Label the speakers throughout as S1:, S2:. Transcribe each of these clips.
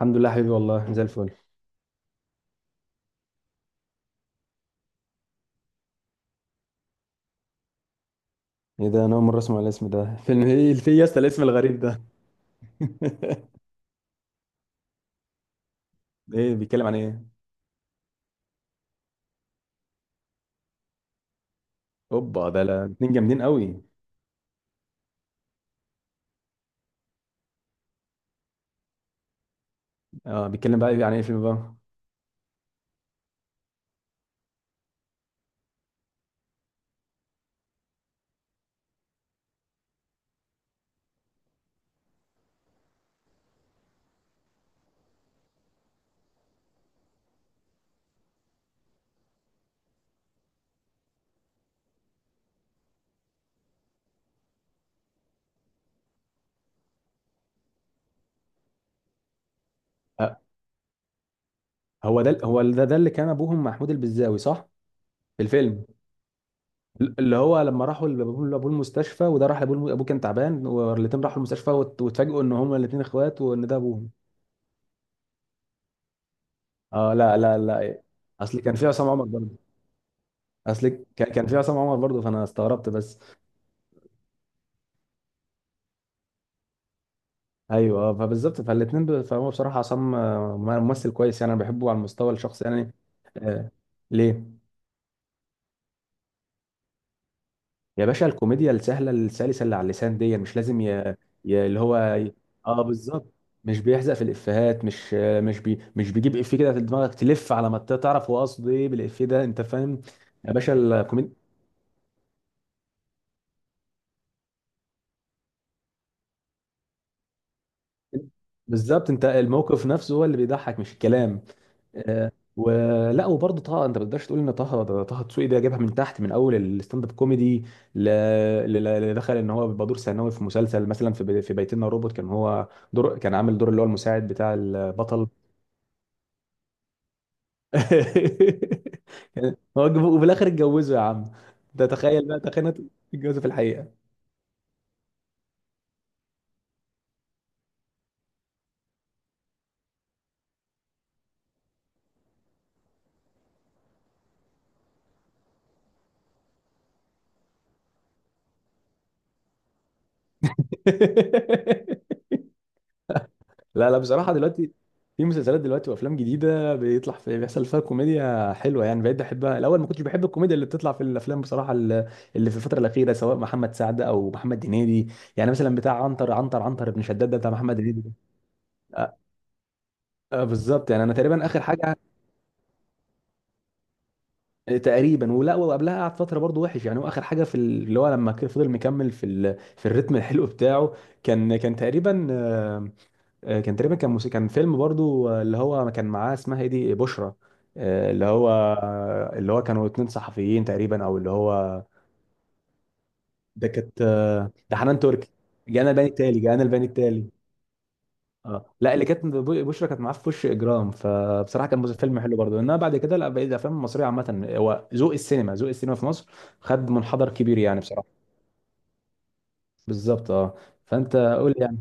S1: الحمد لله حبيبي والله زي الفل. ايه ده؟ انا اول مره اسمع الاسم ده. فيلم ايه في يا اسطى الاسم الغريب ده؟ ايه بيتكلم عن ايه؟ اوبا ده اتنين جامدين قوي. اه، بيتكلم بقى عن ايه الفيلم بقى؟ آه هو ده اللي كان ابوهم محمود البزاوي صح؟ في الفيلم، اللي هو لما راحوا لأبوه المستشفى، وده راح لابوه، ابوه كان تعبان، والاتنين راحوا المستشفى واتفاجئوا ان هما الاتنين اخوات وان ده ابوهم. اه لا لا لا إيه. اصل كان في عصام عمر برضه. اصل كان في عصام عمر برضه، فانا استغربت بس. ايوه، فبالظبط فالاثنين فهو بصراحه عصام ممثل كويس، يعني انا بحبه على المستوى الشخصي يعني. آه. ليه؟ يا باشا الكوميديا السهله السلسه اللي على اللسان دي مش لازم اللي هو اه بالظبط. مش بيحزق في الافيهات، مش مش مش بيجيب افيه كده في دماغك تلف على ما تعرف هو قصده ايه بالافيه ده انت فاهم. يا باشا الكوميديا بالظبط انت الموقف نفسه هو اللي بيضحك مش الكلام. آه، ولا وبرضه طه، انت ما تقدرش تقول ان طه دسوقي ده جابها من تحت من اول الستاند اب كوميدي. ل- اللي دخل ان هو بيبقى دور ثانوي في مسلسل مثلا في في بيتنا روبوت، كان هو دور، كان عامل دور اللي هو المساعد بتاع البطل. وفي الاخر اتجوزه يا عم. ده تخيل بقى تخيل إنه اتجوزه في الحقيقه. لا لا، بصراحة دلوقتي في مسلسلات دلوقتي وافلام جديدة بيطلع في بيحصل فيها كوميديا حلوة، يعني بقيت بحبها. الاول ما كنتش بحب الكوميديا اللي بتطلع في الافلام بصراحة، اللي في الفترة الأخيرة سواء محمد سعد او محمد هنيدي. يعني مثلا بتاع عنتر، عنتر عنتر بن شداد ده بتاع محمد هنيدي. آه، بالظبط، يعني انا تقريبا اخر حاجة. تقريبا. ولا وقبلها قعد فترة برضه وحش يعني، هو اخر حاجة في اللي هو لما كان فضل مكمل في الريتم الحلو بتاعه. كان تقريبا، كان تقريبا كان موسيقى، كان فيلم برضو اللي هو كان معاه، اسمها ايه دي، بشرى. اللي هو اللي هو كانوا اتنين صحفيين تقريبا او اللي هو ده كانت، ده حنان تركي. جانا الباني التالي، جانا الباني التالي. اه لا، اللي كانت بشرى كانت معاه في وش اجرام، فبصراحه كان فيلم حلو برضو، انما بعد كده لا بقيت الافلام المصريه عامه، هو ذوق السينما، ذوق السينما في مصر خد منحدر كبير يعني بصراحه. بالظبط اه. فانت قول لي يعني.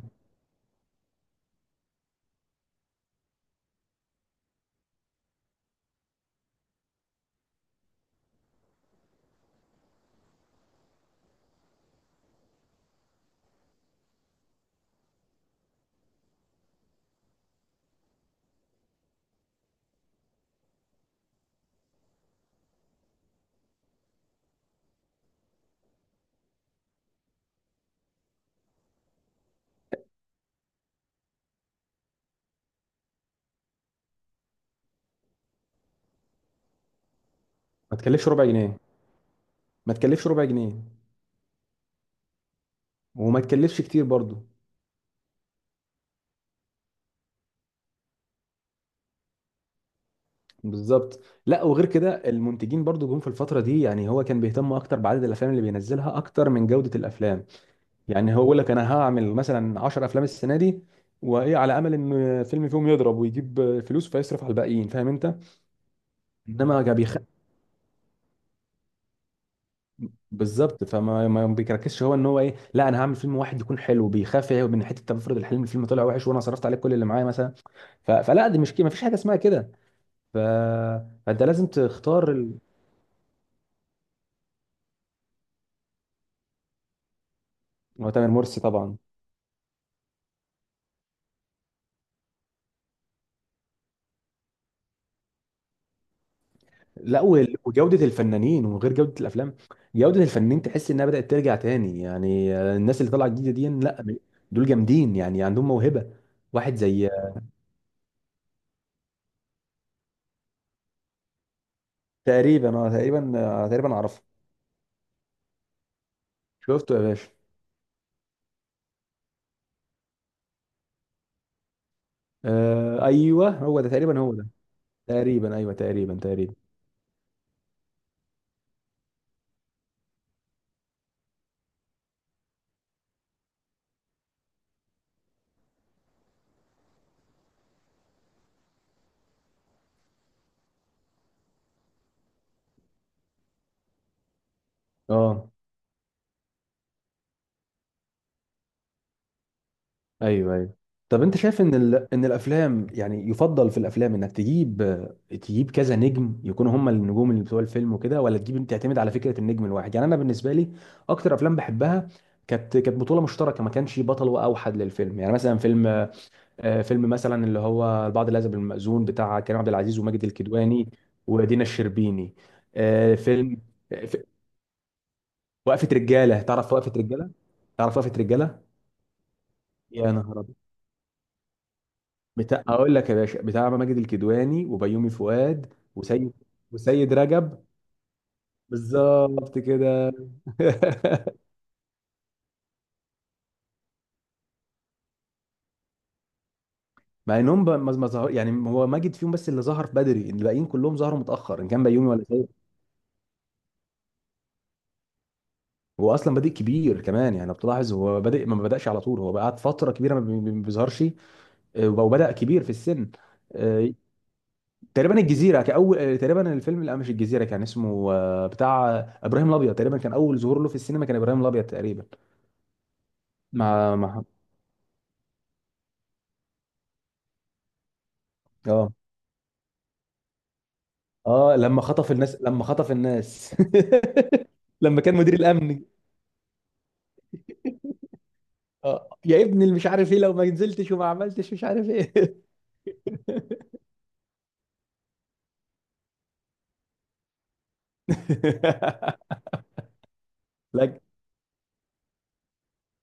S1: ما تكلفش ربع جنيه. ما تكلفش ربع جنيه. وما تكلفش كتير برضو. بالظبط. لا وغير كده المنتجين برضو جم في الفتره دي، يعني هو كان بيهتم اكتر بعدد الافلام اللي بينزلها اكتر من جوده الافلام. يعني هو يقول لك انا هعمل مثلا 10 افلام السنه دي، وايه على امل ان فيلم فيهم يضرب ويجيب فلوس فيصرف على الباقيين، فاهم انت. انما بالظبط بالظبط فما ما بيركزش هو ان هو ايه، لا انا هعمل فيلم واحد يكون حلو، بيخاف إيه من حته؟ طب افرض الحلم الفيلم طلع وحش وانا صرفت عليه كل اللي معايا مثلا. فلا دي مش كده، ما فيش حاجه اسمها كده. ف... فانت لازم تختار هو تامر مرسي طبعا. لا وجودة الفنانين وغير جودة الافلام. جودة الفنانين تحس انها بدأت ترجع تاني، يعني الناس اللي طالعة جديدة دي، لا دول جامدين يعني عندهم موهبة. واحد زي، تقريبا اه تقريبا، تقريبا اعرفه. شفته يا باشا. آه ايوه هو ده تقريبا، هو ده. تقريبا ايوه، تقريبا. اه ايوه ايوه. طب انت شايف ان ان الافلام يعني يفضل في الافلام انك تجيب، تجيب كذا نجم يكونوا هم النجوم اللي بتوع الفيلم وكده، ولا تجيب تعتمد على فكره النجم الواحد؟ يعني انا بالنسبه لي اكتر افلام بحبها كانت بطوله مشتركه، ما كانش بطل واوحد للفيلم، يعني مثلا فيلم فيلم مثلا اللي هو البعض العزب المأذون بتاع كريم عبد العزيز وماجد الكدواني ودينا الشربيني. فيلم آه، ف- وقفه رجاله، تعرف وقفه رجاله؟ تعرف وقفه رجاله؟ يا نهار أبيض. بتاع، اقول لك يا باشا، بتاع ماجد الكدواني وبيومي فؤاد وسيد، وسيد رجب. بالظبط كده. مع انهم ما ظهر يعني هو ماجد فيهم بس، اللي ظهر بدري. الباقيين كلهم ظهروا متاخر، ان كان بيومي ولا سيد. هو اصلا بادئ كبير كمان، يعني لو بتلاحظ هو بادئ ما بداش على طول، هو قعد فتره كبيره ما بيظهرش. وبدا كبير في السن. آه، تقريبا الجزيره كاول، تقريبا الفيلم لا مش الجزيره، كان اسمه بتاع ابراهيم الابيض تقريبا، كان اول ظهور له في السينما كان ابراهيم الابيض تقريبا. مع، اه اه. لما خطف الناس، لما خطف الناس. لما كان مدير الامن. اه يا ابني اللي مش عارف ايه، لو ما نزلتش وما عملتش مش عارف ايه. لا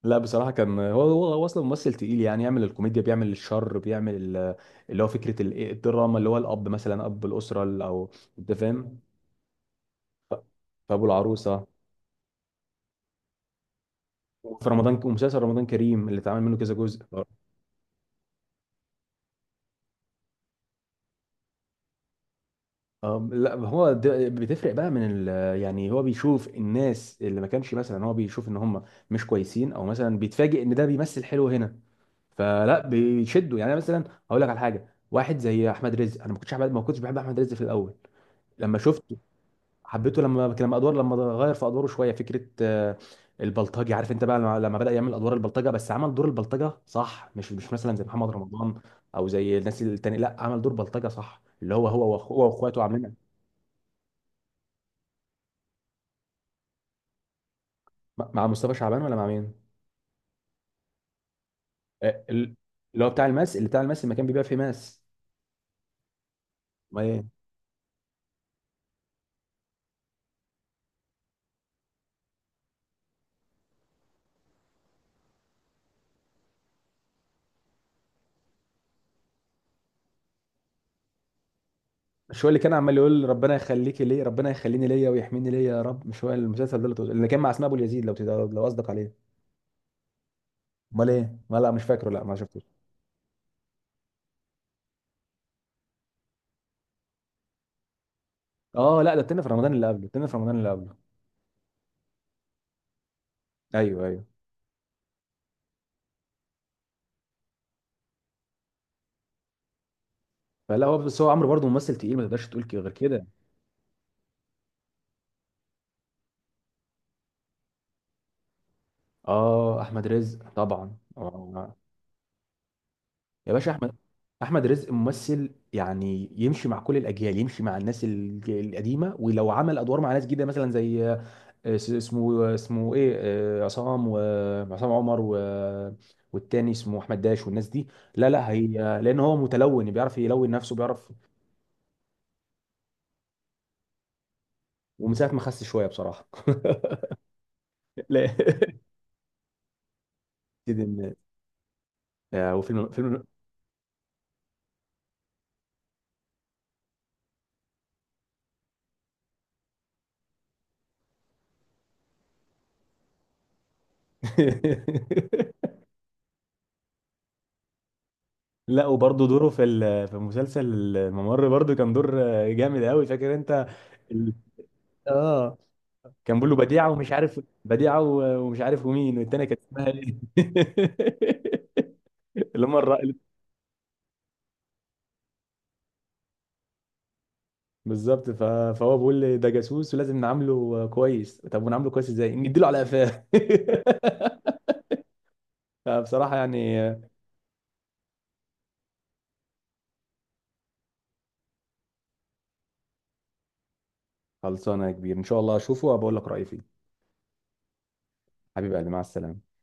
S1: لا، بصراحه كان هو، هو اصلا ممثل تقيل، يعني يعمل الكوميديا، بيعمل الشر، بيعمل اللي هو فكره الدراما، اللي هو الاب مثلا اب الاسره او انت فاهم. ف- فابو العروسه. وفي رمضان ومسلسل رمضان كريم اللي اتعمل منه كذا جزء. أم لا هو ده بتفرق بقى من ال، يعني هو بيشوف الناس اللي ما كانش مثلا، هو بيشوف ان هم مش كويسين، او مثلا بيتفاجئ ان ده بيمثل حلو هنا، فلا بيشدوا يعني. أنا مثلا هقول لك على حاجه، واحد زي احمد رزق، انا ما كنتش احمد، ما كنتش بحب احمد رزق في الاول. لما شفته، حبيته لما ادوار، لما غير في ادواره شويه فكره البلطجي، عارف انت بقى لما بدا يعمل ادوار البلطجه، بس عمل دور البلطجه صح، مش مثلا زي محمد رمضان او زي الناس التانية، لا عمل دور بلطجه صح، اللي هو هو هو واخواته عاملين. مع مصطفى شعبان ولا مع مين؟ آه، ال- اللي هو بتاع الماس، اللي بتاع الماس، اللي كان بيبيع فيه ماس. ما ايه. مش هو اللي كان عمال يقول ربنا يخليكي ليه، ربنا يخليني ليا ويحميني ليا يا رب، مش هو المسلسل ده اللي اللي كان مع اسماء ابو اليزيد، لو قصدك عليه؟ امال ايه؟ ما لا مش فاكره، لا ما شفتوش. اه لا ده التاني في رمضان اللي قبله، التاني في رمضان اللي قبله. ايوه ايوه. فلا هو بس هو عمرو برضه ممثل تقيل، ما تقدرش تقول غير كده. اه احمد رزق طبعا اه. يا باشا احمد، احمد رزق ممثل يعني يمشي مع كل الاجيال، يمشي مع الناس القديمه، ولو عمل ادوار مع ناس جديده مثلا زي اسمه ايه، عصام، وعصام عمر والتاني اسمه احمد داش والناس دي. لا لا هي، لان هو متلون بيعرف يلون نفسه بيعرف. ومن ساعه ما خس شويه بصراحه. لا كده آه، فيلم. لا وبرضه دوره في في مسلسل الممر برضه كان دور جامد قوي، فاكر انت؟ اه كان بيقول له بديعه ومش عارف، بديعه ومش عارف ومين، والتانيه كانت اسمها ايه. اللي هم الرائل. بالظبط. فهو بيقول لي ده جاسوس ولازم نعامله كويس، طب ونعامله كويس ازاي؟ نديله على قفاه. فبصراحه يعني. خلصانه يا كبير، ان شاء الله اشوفه وبقول لك رايي فيه. حبيب قلبي مع السلامه.